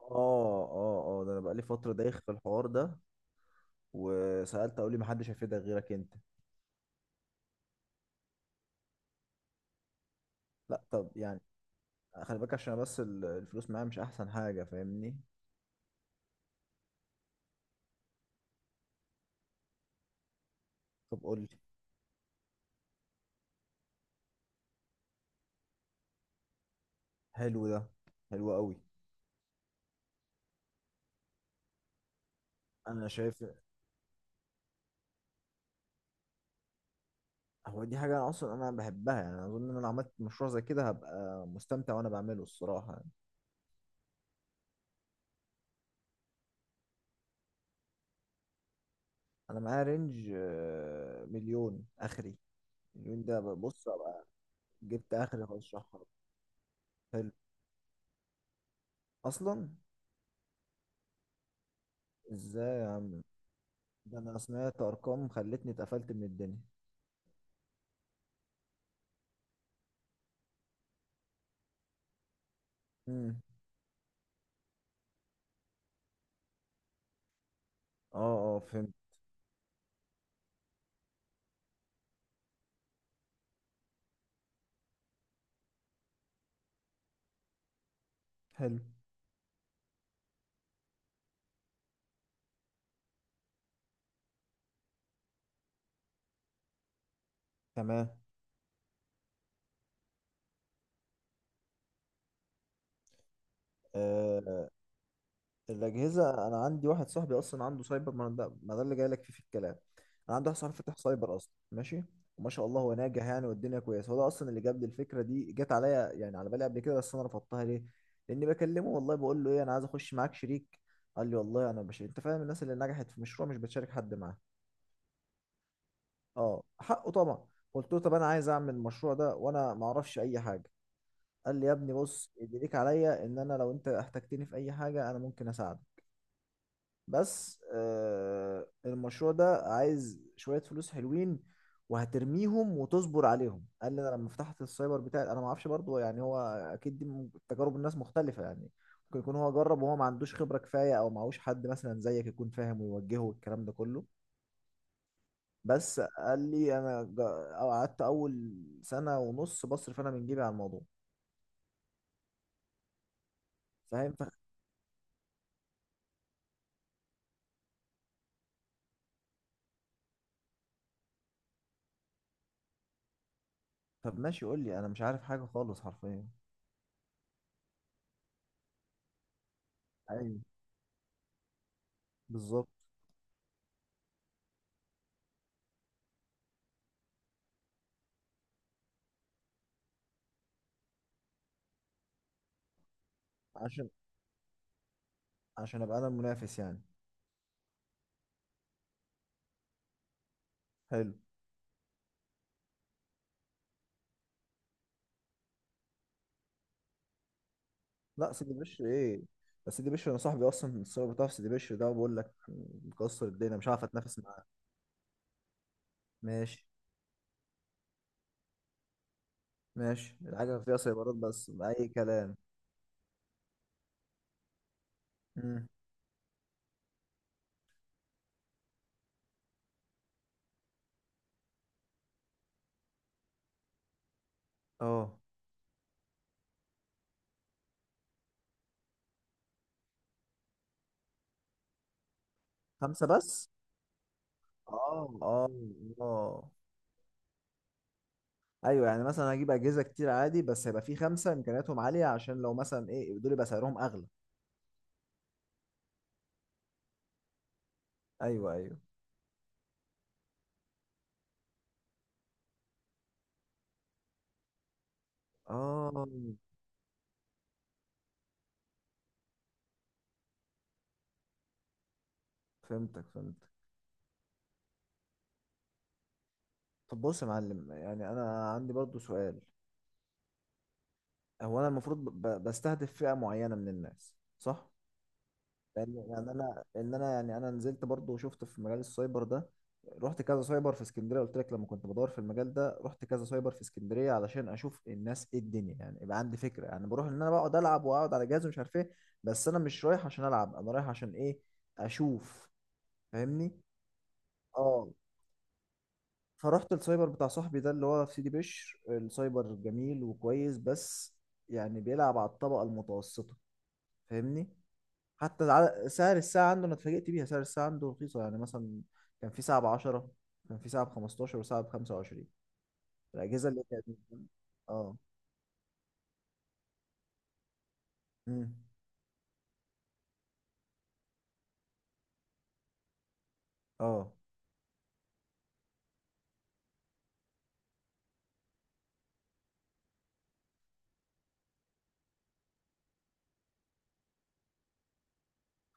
اه ده انا بقالي فترة دايخ في الحوار ده. وسألت اقول لي، محدش هيفيدك غيرك انت. لا طب يعني، خلي بالك عشان أنا بس الفلوس معايا مش احسن حاجة، فاهمني؟ طب قول لي. حلو ده، حلو قوي. انا شايف هو دي حاجة انا اصلا انا بحبها، يعني اظن ان انا لو عملت مشروع زي كده هبقى مستمتع وانا بعمله، الصراحة يعني. انا معايا رينج مليون اخري. مليون ده بص ابقى جبت اخري خالص شحر. حلو اصلا. ازاي يا عم؟ ده انا سمعت ارقام خلتني اتقفلت من الدنيا. امم، اه اه، فهمت. حلو، تمام. آه الاجهزه انا عندي واحد صاحبي اصلا عنده سايبر، ما ده ما ده اللي جاي لك فيه في الكلام. انا عندي واحد صاحبي فاتح سايبر اصلا، ماشي؟ وما شاء الله هو ناجح يعني، والدنيا كويسه. هو ده اصلا اللي جاب لي الفكره دي، جت عليا يعني على بالي قبل كده بس انا رفضتها. ليه؟ لاني بكلمه، والله بقول له ايه، انا عايز اخش معاك شريك. قال لي والله انا مش، انت فاهم، الناس اللي نجحت في مشروع مش بتشارك حد معاه. اه حقه طبعا. قلت له طب انا عايز اعمل المشروع ده وانا ما اعرفش اي حاجه. قال لي يا ابني بص، اللي ليك عليا ان انا لو انت احتجتني في اي حاجه انا ممكن اساعدك. بس آه، المشروع ده عايز شويه فلوس حلوين وهترميهم وتصبر عليهم. قال لي انا لما فتحت السايبر بتاعي انا ما اعرفش برضه يعني، هو اكيد دي تجارب الناس مختلفه يعني، ممكن يكون هو جرب وهو ما عندوش خبره كفايه، او معهوش حد مثلا زيك يكون فاهم ويوجهه والكلام ده كله. بس قال لي انا أو قعدت اول سنه ونص بصرف انا من جيبي على الموضوع، فاهم؟ طب ماشي قول لي، انا مش عارف حاجه خالص حرفيا. ايوه بالظبط. عشان عشان ابقى انا المنافس يعني. حلو. لا سيدي بشر ايه، بس سيدي بشر انا صاحبي اصلا الصور بتاع سيدي بشر ده، بقول لك مكسر الدنيا، مش عارف اتنافس معاه. ماشي. ماشي، الحاجه فيها سيبرات بس اي كلام. امم. اه. خمسه بس، اه اه اه. ايوه يعني، مثلا هجيب اجهزه كتير عادي بس هيبقى في خمسه امكانياتهم عاليه، عشان لو مثلا ايه دول يبقى سعرهم اغلى. ايوه ايوه. اه، فهمتك فهمتك. طب بص يا معلم، يعني انا عندي برضو سؤال. هو انا المفروض بستهدف فئه معينه من الناس، صح؟ لان يعني انا، ان انا يعني انا نزلت برضو وشفت في مجال السايبر ده، رحت كذا سايبر في اسكندريه. قلت لك لما كنت بدور في المجال ده، رحت كذا سايبر في اسكندريه علشان اشوف الناس ايه الدنيا، يعني يبقى عندي فكره. يعني بروح ان انا بقعد العب واقعد على جهاز ومش عارف ايه، بس انا مش رايح عشان العب، انا رايح عشان ايه؟ اشوف، فاهمني. اه. فرحت السايبر بتاع صاحبي ده اللي هو في سيدي بشر، السايبر جميل وكويس بس يعني بيلعب على الطبقه المتوسطه، فاهمني. حتى سعر الساعة عنده أنا اتفاجئت بيها، سعر الساعة عنده رخيصة، يعني مثلا كان في ساعة بعشرة، كان في ساعة بخمستاشر، وساعة بخمسة وعشرين. الأجهزة اللي كانت، اه. امم. اه.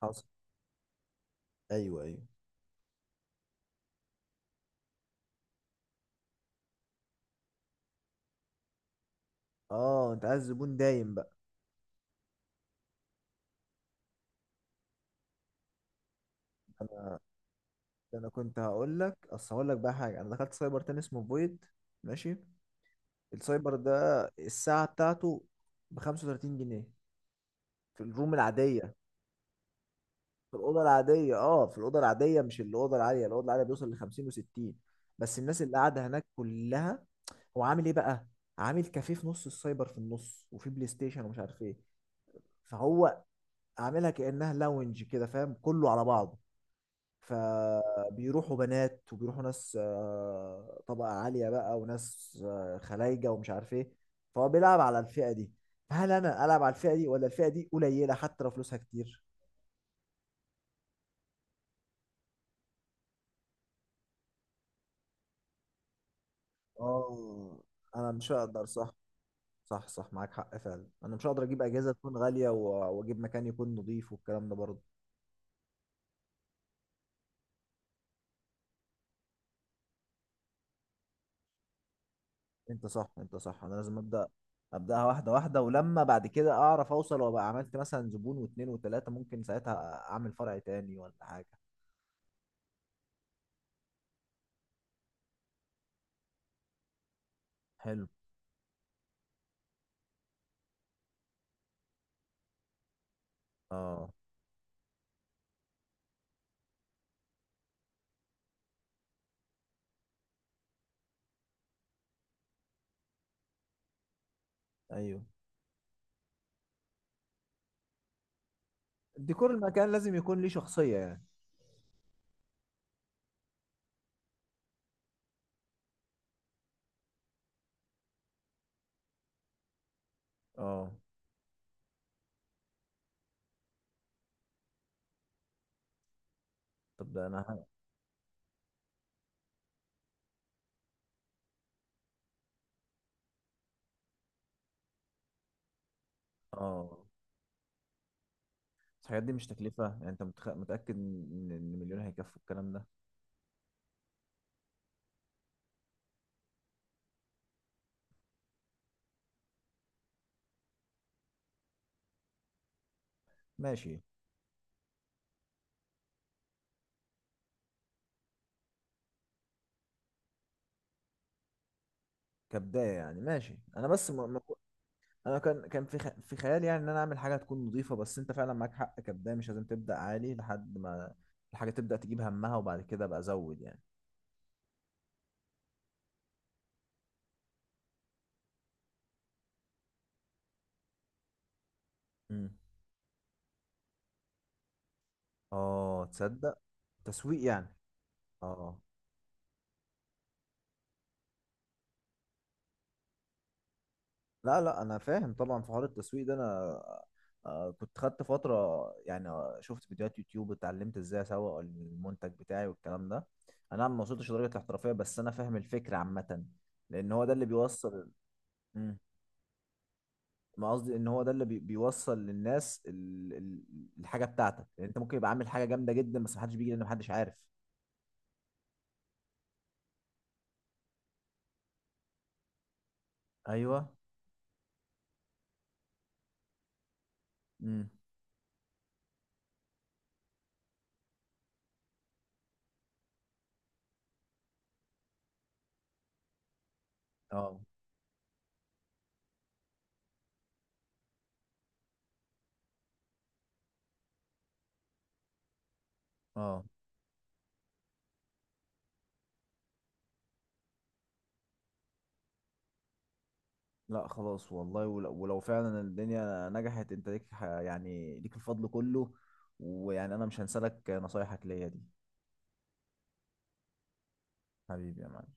حصل، أيوه أيوه. اه، أنت عايز زبون دايم بقى. أنا أنا كنت هقول لك، أصل هقول لك بقى حاجة، أنا دخلت سايبر تاني اسمه فويد، ماشي؟ السايبر ده الساعة بتاعته بخمسة وتلاتين جنيه، في الروم العادية، في الاوضه العاديه. اه، في الاوضه العاديه، مش الاوضه العاليه، الاوضه العاليه بيوصل ل 50 و60. بس الناس اللي قاعده هناك كلها، هو عامل ايه بقى؟ عامل كافيه في نص السايبر، في النص، وفي بلاي ستيشن ومش عارف ايه. فهو عاملها كانها لاونج كده، فاهم، كله على بعضه. فبيروحوا بنات وبيروحوا ناس طبقه عاليه بقى، وناس خلايجه ومش عارف ايه. فهو بيلعب على الفئه دي، فهل انا العب على الفئه دي، ولا الفئه دي قليله حتى لو فلوسها كتير؟ اه، انا مش هقدر، صح. صح صح، معاك حق فعلا، انا مش هقدر اجيب اجهزه تكون غاليه واجيب مكان يكون نظيف والكلام ده برضه. انت صح، انت صح، انا لازم ابدا، ابداها واحده واحده، ولما بعد كده اعرف اوصل وابقى عملت مثلا زبون واتنين وتلاته، ممكن ساعتها اعمل فرع تاني ولا حاجه. حلو. اه. ايوه، ديكور المكان لازم يكون ليه شخصيه يعني. اه. طب ده انا اه، الحاجات دي مش تكلفه يعني؟ انت متاكد ان إن مليون هيكفوا الكلام ده؟ ماشي. كبدايه يعني ماشي، انا بس انا كان كان في في خيالي يعني ان انا اعمل حاجه تكون نظيفه، بس انت فعلا معاك حق، كبدايه مش لازم تبدا عالي، لحد ما الحاجه تبدا تجيب همها، وبعد كده ابقى ازود يعني. امم. اه، تصدق. تسويق يعني؟ اه. لا لا، انا فاهم طبعا، في حوار التسويق ده انا كنت خدت فتره يعني، شفت فيديوهات يوتيوب، اتعلمت ازاي اسوق المنتج بتاعي والكلام ده. انا ما وصلتش لدرجه الاحترافيه، بس انا فاهم الفكره عامه، لان هو ده اللي بيوصل. مم. ما قصدي ان هو ده اللي بيوصل للناس الحاجه بتاعتك يعني، انت ممكن يبقى عامل حاجه جامده جدا بس محدش بيجي، لان محدش عارف. ايوه. امم. اه. اه. لا خلاص والله، ولو فعلا الدنيا نجحت، انت ليك يعني ليك الفضل كله، ويعني انا مش هنسالك نصايحك ليا دي. حبيبي يا معلم.